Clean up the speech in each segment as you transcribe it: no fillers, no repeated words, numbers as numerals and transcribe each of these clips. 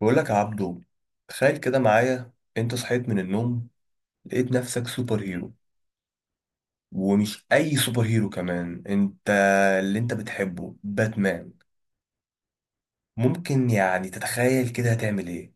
بقول لك يا عبدو، تخيل كده معايا، انت صحيت من النوم لقيت نفسك سوبر هيرو. ومش اي سوبر هيرو كمان، انت اللي انت بتحبه، باتمان. ممكن يعني تتخيل كده هتعمل ايه؟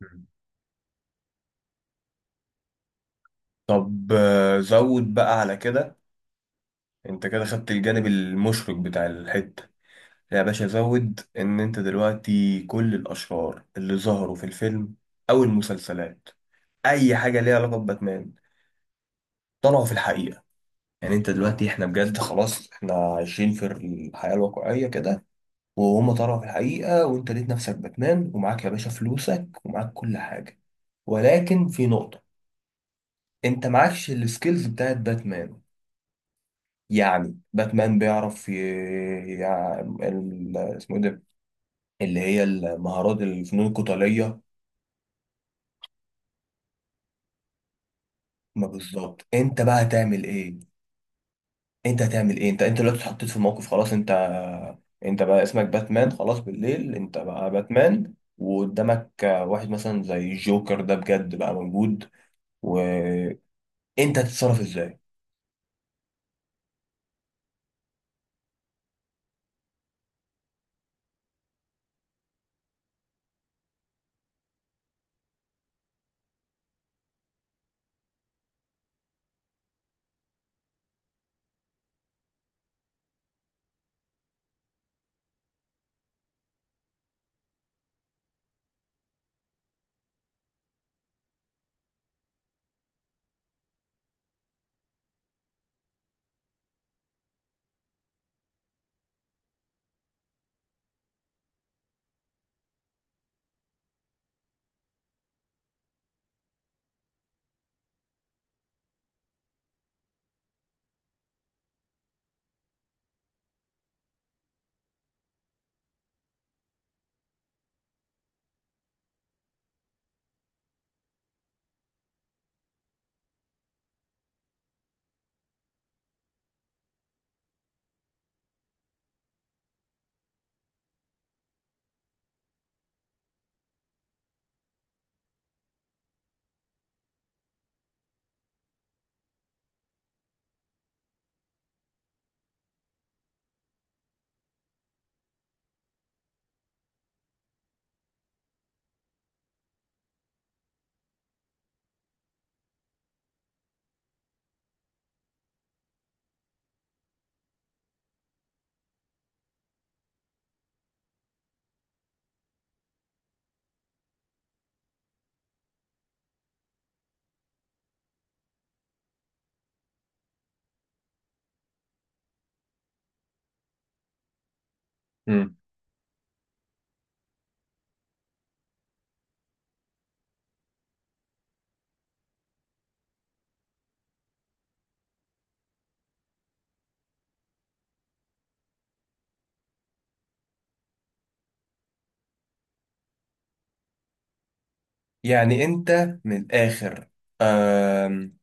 مم. طب زود بقى على كده. انت كده خدت الجانب المشرق بتاع الحتة يا باشا. زود ان انت دلوقتي كل الاشرار اللي ظهروا في الفيلم او المسلسلات، اي حاجة ليها علاقة بباتمان، طلعوا في الحقيقة. يعني انت دلوقتي احنا بجد خلاص احنا عايشين في الحياة الواقعية كده، وهما طلعوا في الحقيقة، وانت لقيت نفسك باتمان، ومعاك يا باشا فلوسك ومعاك كل حاجة. ولكن في نقطة، انت معكش السكيلز بتاعت باتمان. يعني باتمان بيعرف اسمه ايه ده، اللي هي المهارات، الفنون القتالية. ما بالظبط انت بقى هتعمل ايه؟ انت هتعمل ايه؟ انت دلوقتي اتحطيت في موقف خلاص. انت انت بقى اسمك باتمان خلاص، بالليل انت بقى باتمان، وقدامك واحد مثلا زي الجوكر ده بجد بقى موجود، وانت هتتصرف ازاي؟ مم. يعني انت من الاخر، آم،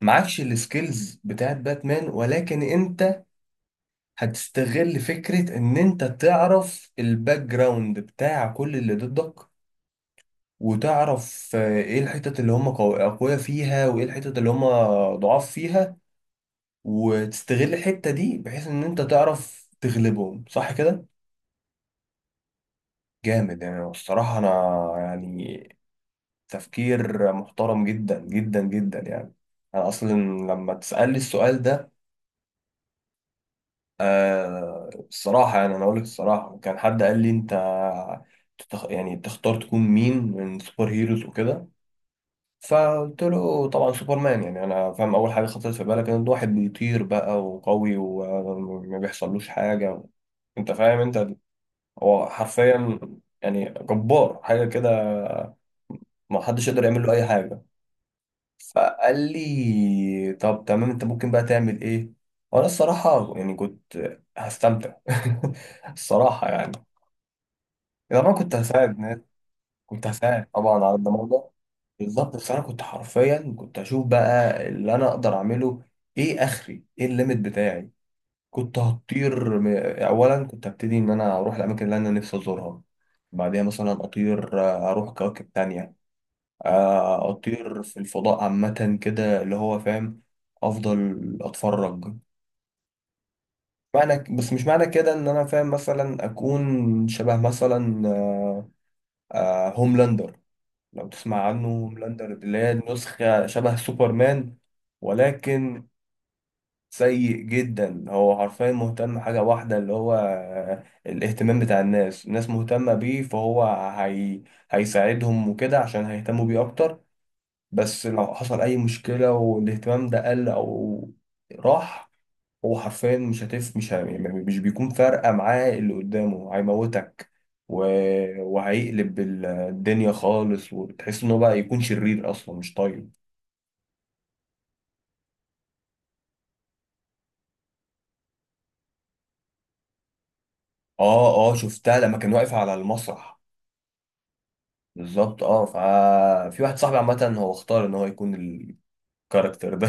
معكش السكيلز بتاعت باتمان، ولكن انت هتستغل فكرة ان انت تعرف الباك جراوند بتاع كل اللي ضدك، وتعرف ايه الحتت اللي هم اقوياء فيها، وايه الحتت اللي هم ضعاف فيها، وتستغل الحتة دي بحيث ان انت تعرف تغلبهم. صح كده؟ جامد. يعني الصراحة انا، يعني، تفكير محترم جدا جدا جدا يعني. انا اصلا لما تسألني السؤال ده، الصراحة يعني، انا اقول لك الصراحة، كان حد قال لي: انت يعني تختار تكون مين من سوبر هيروز وكده. فقلت له طبعا سوبرمان. يعني انا فاهم اول حاجه خطرت في بالك ان ده واحد بيطير بقى وقوي وما بيحصلوش حاجه. انت فاهم؟ انت هو حرفيا يعني جبار، حاجه كده ما حدش يقدر يعمل له اي حاجه. فقال لي طب تمام، انت ممكن بقى تعمل ايه؟ وانا الصراحه يعني كنت هستمتع الصراحه يعني. طبعا كنت هساعد، كنت هساعد طبعا على الضمان ده. بالظبط، بس انا كنت حرفيا كنت اشوف بقى اللي انا اقدر اعمله ايه، اخري ايه الليميت بتاعي. كنت هطير اولا كنت هبتدي ان انا اروح الاماكن اللي انا نفسي ازورها، بعديها مثلا اطير اروح كواكب تانية، اطير في الفضاء عامة كده اللي هو فاهم، افضل اتفرج معنى. بس مش معنى كده ان انا فاهم مثلا اكون شبه مثلا هوملاندر. لو تسمع عنه، ملاندر اللي هي نسخة شبه سوبرمان، ولكن سيء جدا. هو حرفيا مهتم حاجة واحدة اللي هو الاهتمام بتاع الناس، الناس مهتمة بيه، فهو هي... هيساعدهم وكده عشان هيهتموا بيه أكتر. بس لو حصل أي مشكلة والاهتمام ده قل أو راح، هو حرفيا مش هتف مش ه... يعني مش بيكون فارقة معاه اللي قدامه هيموتك، و... وهيقلب الدنيا خالص، وتحس ان هو بقى يكون شرير اصلا مش طيب. اه اه، شفتها لما كان واقف على المسرح. بالظبط اه. ففي واحد صاحبي عامة هو اختار ان هو يكون الكاركتر ده.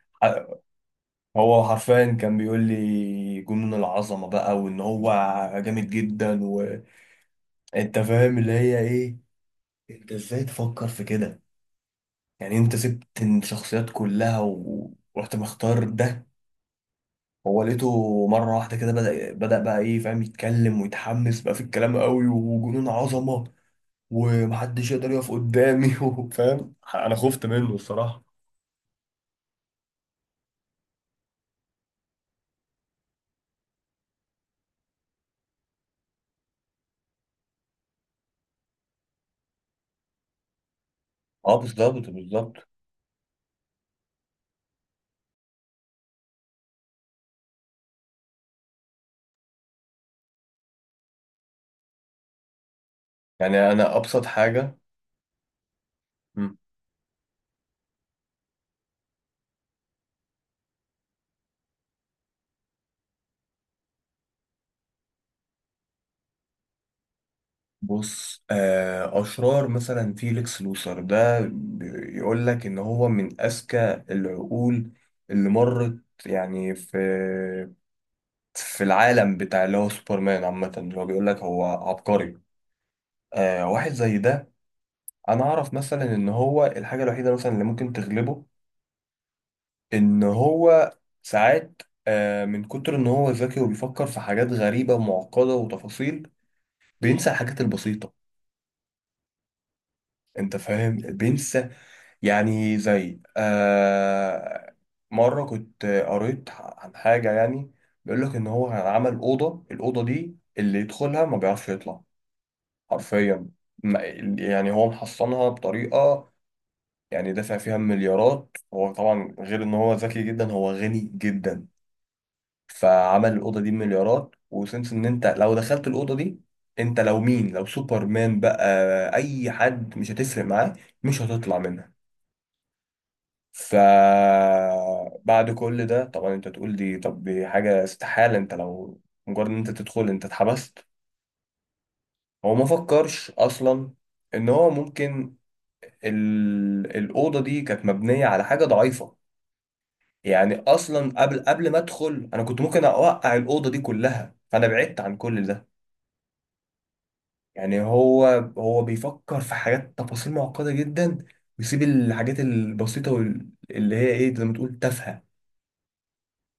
هو حرفيا كان بيقول لي جنون العظمة بقى، وان هو جامد جدا، وانت فاهم اللي هي ايه. انت ازاي تفكر في كده؟ يعني انت سبت الشخصيات كلها ورحت مختار ده؟ هو لقيته مرة واحدة كده بدأ بقى ايه فاهم، يتكلم ويتحمس بقى في الكلام قوي، وجنون عظمة ومحدش يقدر يقف قدامي. فاهم، انا خفت منه الصراحة. اه، بالظبط. يعني انا ابسط حاجة. مم. بص، اشرار مثلا فيليكس لوثر ده، يقول لك ان هو من اذكى العقول اللي مرت يعني في في العالم بتاع اللي هو سوبرمان عامة، اللي هو بيقول لك هو عبقري. واحد زي ده، أنا أعرف مثلا إن هو الحاجة الوحيدة مثلا اللي ممكن تغلبه، إن هو ساعات من كتر إن هو ذكي وبيفكر في حاجات غريبة ومعقدة وتفاصيل، بينسى الحاجات البسيطة. أنت فاهم، بينسى. يعني زي مرة كنت قريت عن حاجة، يعني بيقول لك إن هو عمل أوضة، الأوضة دي اللي يدخلها ما بيعرفش يطلع، حرفيا. ما- يعني هو محصنها بطريقة، يعني دافع فيها مليارات، هو طبعا غير ان هو ذكي جدا هو غني جدا، فعمل الأوضة دي مليارات وسنس ان انت لو دخلت الأوضة دي، انت لو مين، لو سوبرمان بقى، اي حد، مش هتفرق معاه، مش هتطلع منها. فبعد كل ده طبعا انت تقول دي، طب دي حاجة استحالة، انت لو مجرد ان انت تدخل انت اتحبست. هو ما فكرش اصلا ان هو ممكن الأوضة دي كانت مبنية على حاجة ضعيفة. يعني أصلا قبل ما أدخل، أنا كنت ممكن أوقع الأوضة دي كلها، فأنا بعدت عن كل ده. يعني هو، هو بيفكر في حاجات تفاصيل معقدة جدا، ويسيب الحاجات البسيطة اللي هي إيه زي ما تقول، تافهة.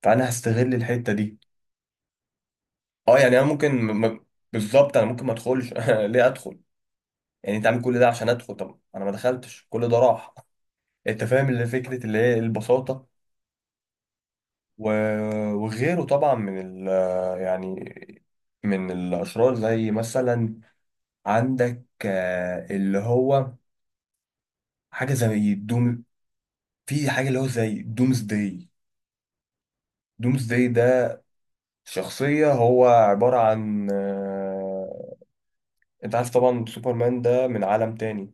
فأنا هستغل الحتة دي. أه يعني أنا ممكن بالظبط أنا ممكن ما أدخلش. ليه أدخل؟ يعني أنت عامل كل ده عشان أدخل، طب أنا ما دخلتش، كل ده راح. أنت فاهم اللي فكرة اللي هي البساطة. وغيره طبعا من ال يعني من الأشرار زي مثلا، عندك اللي هو حاجة زي الدوم، في حاجة اللي هو زي دومز داي. دومز داي ده شخصية، هو عبارة عن انت عارف طبعا سوبرمان ده من عالم تاني،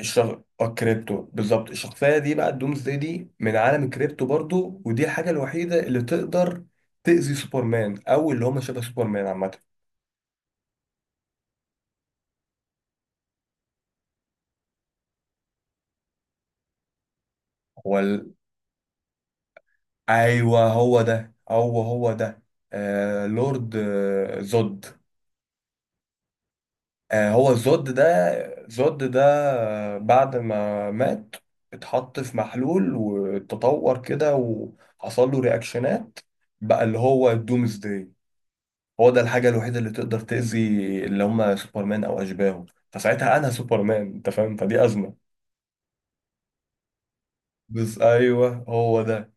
الكريبتو، بالظبط. الشخصية دي بقى، الدومز داي دي، من عالم الكريبتو برضو، ودي الحاجة الوحيدة اللي تقدر تأذي سوبرمان أو اللي هم شبه سوبرمان عامة. هو، ايوه هو ده، هو ده. لورد زود. هو زود ده، زود ده، بعد ما مات اتحط في محلول وتطور كده وحصل له رياكشنات، بقى اللي هو الدومز داي. هو ده الحاجة الوحيدة اللي تقدر تأذي اللي هم سوبرمان أو أشباهه. فساعتها أنا سوبرمان، أنت فاهم، فدي أزمة. بس أيوه هو ده.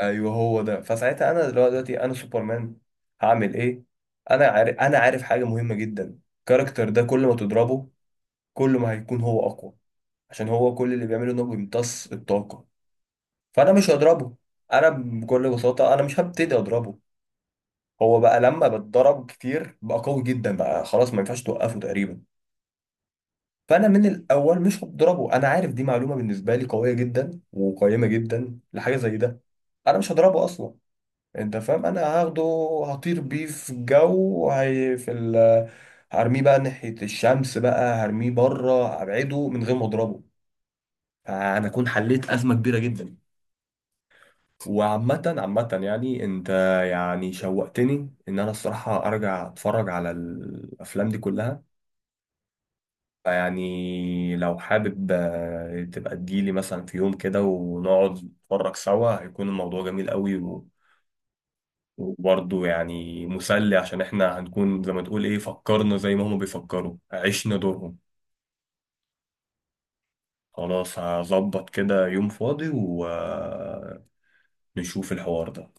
ايوه هو ده. فساعتها انا دلوقتي انا سوبرمان، هعمل ايه؟ انا عارف حاجه مهمه جدا، الكاركتر ده كل ما تضربه، كل ما هيكون هو اقوى، عشان هو كل اللي بيعمله انه بيمتص الطاقه. فانا مش هضربه. انا بكل بساطه انا مش هبتدي اضربه. هو بقى لما بتضرب كتير بقى قوي جدا بقى خلاص ما ينفعش توقفه تقريبا. فانا من الاول مش هضربه. انا عارف دي معلومه بالنسبه لي قويه جدا وقيمه جدا لحاجه زي ده. انا مش هضربه اصلا. انت فاهم، انا هاخده هطير بيه في الجو، هي في هرميه بقى ناحية الشمس، بقى هرميه بره، هبعده من غير ما اضربه. فانا اكون حليت ازمة كبيرة جدا. وعامة، عامة يعني، انت يعني شوقتني ان انا الصراحة ارجع اتفرج على الافلام دي كلها. يعني لو حابب تبقى تجيلي مثلا في يوم كده ونقعد نتفرج سوا، هيكون الموضوع جميل قوي. وبرضه يعني مسلي، عشان احنا هنكون زي ما تقول ايه فكرنا زي ما هما بيفكروا، عشنا دورهم. خلاص، هظبط كده يوم فاضي ونشوف الحوار ده.